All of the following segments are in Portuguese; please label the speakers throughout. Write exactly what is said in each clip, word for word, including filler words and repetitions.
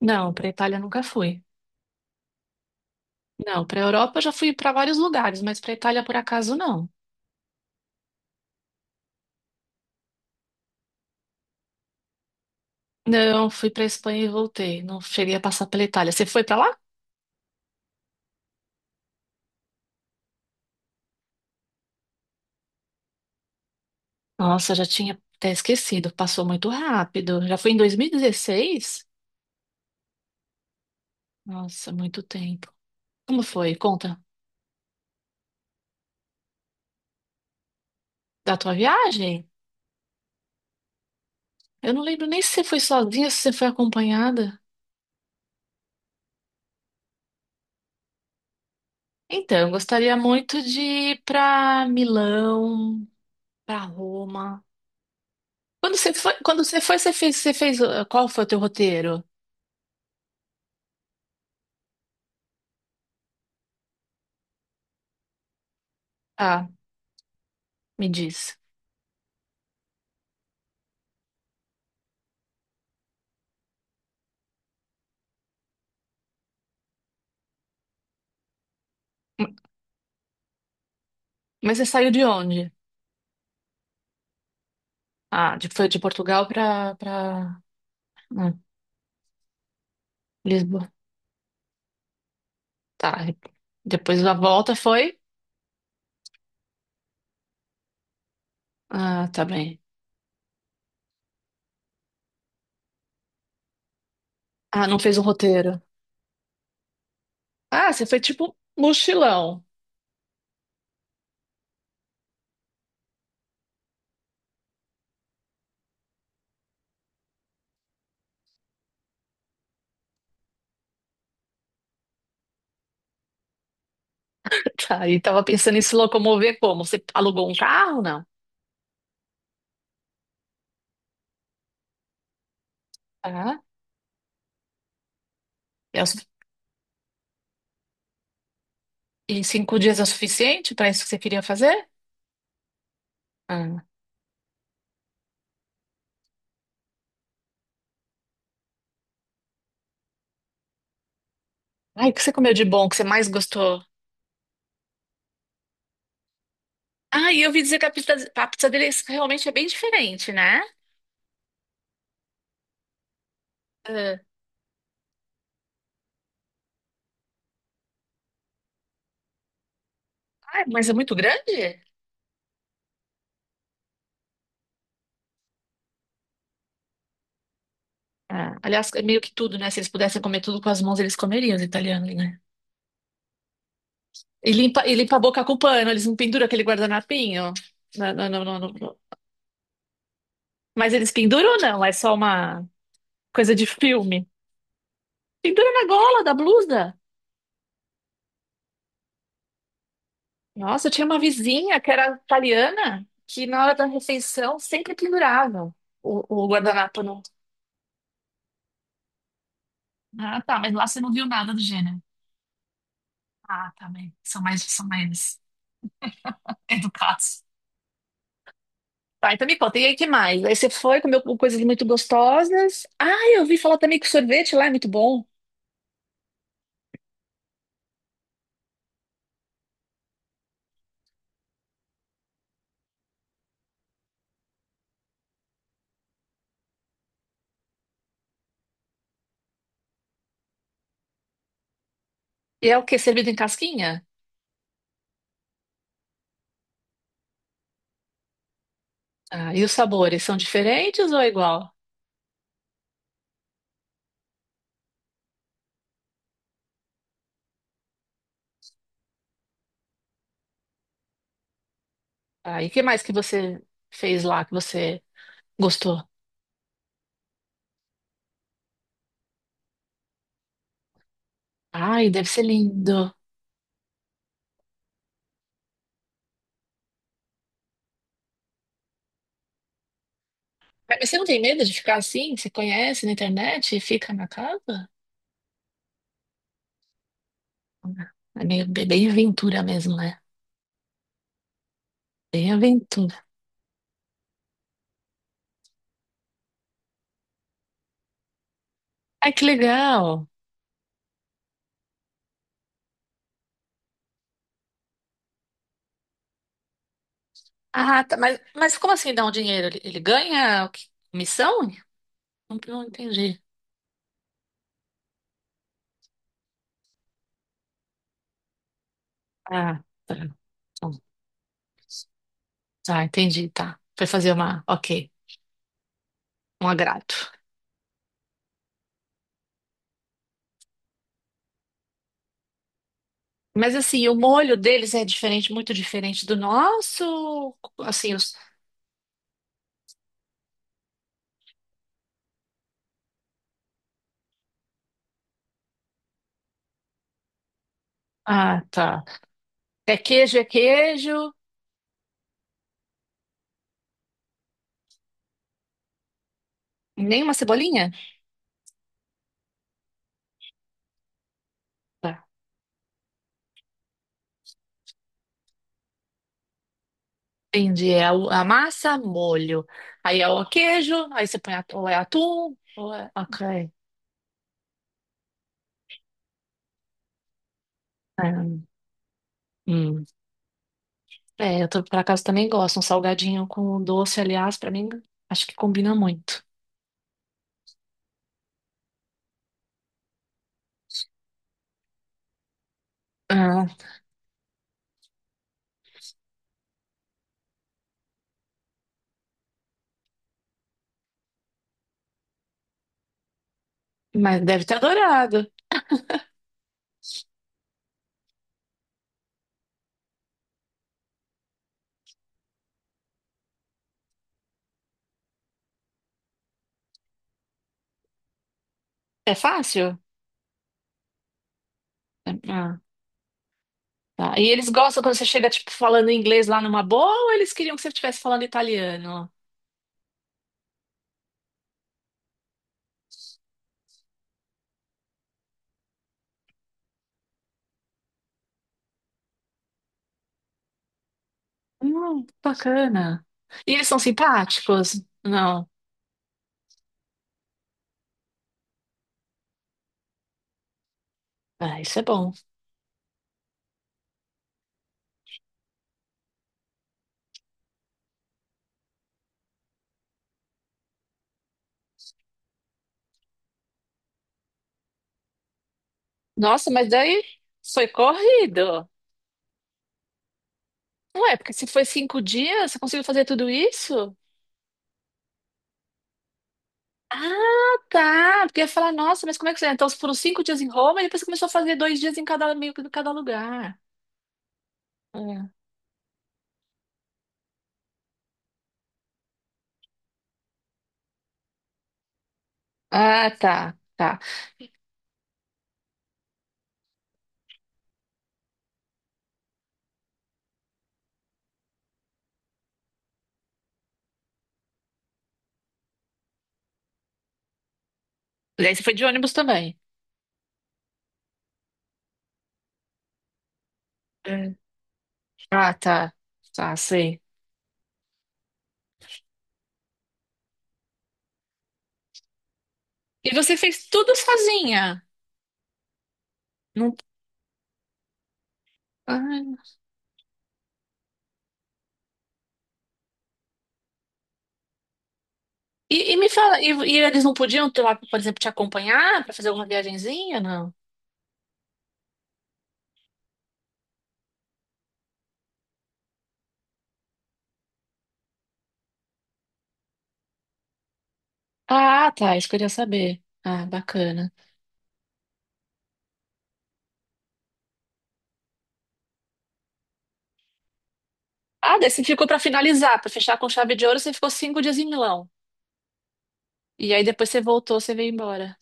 Speaker 1: Não, para Itália nunca fui. Não, para Europa eu já fui para vários lugares, mas para Itália por acaso não. Não, fui para Espanha e voltei. Não cheguei a passar pela Itália. Você foi para lá? Nossa, já tinha até esquecido. Passou muito rápido. Já foi em dois mil e dezesseis? Nossa, muito tempo. Como foi? Conta da tua viagem? Eu não lembro nem se você foi sozinha, se você foi acompanhada. Então, eu gostaria muito de ir para Milão, para Roma. Quando você foi, quando você foi, você fez, você fez, uh, qual foi o teu roteiro? Ah, me diz. M- Mas você saiu de onde? Ah, de, foi de Portugal para para Lisboa. Tá. E depois da volta foi? Ah, tá bem. Ah, não fez um roteiro. Ah, você foi tipo mochilão. Tá, e tava pensando em se locomover como? Você alugou um carro, não? Ah, e, é o su- e cinco dias é o suficiente para isso que você queria fazer? Ah, ai, o que você comeu de bom, que você mais gostou? Ah, e eu ouvi dizer que a pizza, a pizza deles realmente é bem diferente, né? Ah, ah, mas é muito grande? É. Aliás, é meio que tudo, né? Se eles pudessem comer tudo com as mãos, eles comeriam, os italianos, né? E limpa, e limpa a boca com pano, eles não penduram aquele guardanapinho. Não, não, não, não, não. Mas eles penduram ou não? É só uma coisa de filme. Pendura na gola da blusa. Nossa, eu tinha uma vizinha que era italiana, que na hora da refeição sempre pendurava o, o guardanapo. No... Ah, tá, mas lá você não viu nada do gênero. Ah, tá bem. São mais, são mais educados. Tá, então me conta, e aí que mais? Aí você foi, comeu coisas muito gostosas. Ah, eu ouvi falar também que o sorvete lá é muito bom. E é o quê? Servido em casquinha? Ah, e os sabores são diferentes ou é igual? Ah, e que mais que você fez lá que você gostou? Ai, deve ser lindo. Ah, mas você não tem medo de ficar assim? Você conhece na internet e fica na casa? Ah, é meio, bem bem aventura mesmo, né? Bem aventura. Ai, que legal. Ah, tá, mas, mas como assim dá um dinheiro? Ele, ele ganha o quê? Comissão? Não, não entendi. Ah, tá. Então, tá, entendi, tá. Foi fazer uma, ok, um agrado. Mas assim, o molho deles é diferente, muito diferente do nosso. Assim, os... Ah, tá. É queijo, é queijo. Nem uma cebolinha? Tá. Entendi. É a, a massa, molho. Aí é o queijo, aí você põe atu- ou é atum, ou é... ok. É, hum. É, eu tô, por acaso também gosto. Um salgadinho com doce, aliás, pra mim, acho que combina muito. Ah, mas deve ter adorado. É fácil? É- Ah, tá. E eles gostam quando você chega, tipo, falando inglês lá numa boa ou eles queriam que você estivesse falando italiano? Hum, bacana. E eles são simpáticos? Não. Ah, isso é bom. Nossa, mas daí foi corrido. Ué, porque se foi cinco dias, você conseguiu fazer tudo isso? Ah, tá. Porque eu ia falar, nossa, mas como é que você... é? Então foram cinco dias em Roma e depois você começou a fazer dois dias em cada, meio que em cada lugar. Ah, ah, tá, tá. E aí você foi de ônibus também? É. Ah, tá. Tá, sei. E você fez tudo sozinha. Não... Ah. E, e me fala, e, e eles não podiam ter lá, por exemplo, te acompanhar para fazer alguma viagenzinha, não? Ah, tá, isso que eu queria saber. Ah, bacana. Ah, daí você ficou para finalizar, para fechar com chave de ouro, você ficou cinco dias em Milão. E aí depois você voltou, você veio embora.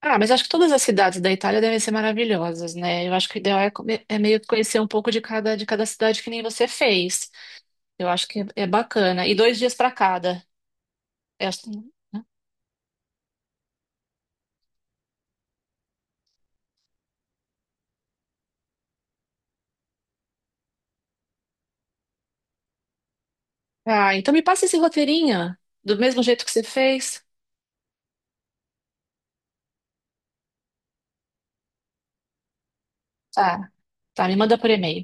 Speaker 1: Ah, mas acho que todas as cidades da Itália devem ser maravilhosas, né? Eu acho que o ideal é, come- é meio que conhecer um pouco de cada, de cada cidade que nem você fez. Eu acho que é é bacana. E dois dias para cada. É assim, né? Ah, então me passa esse roteirinho, do mesmo jeito que você fez. Tá, tá, me manda por e-mail.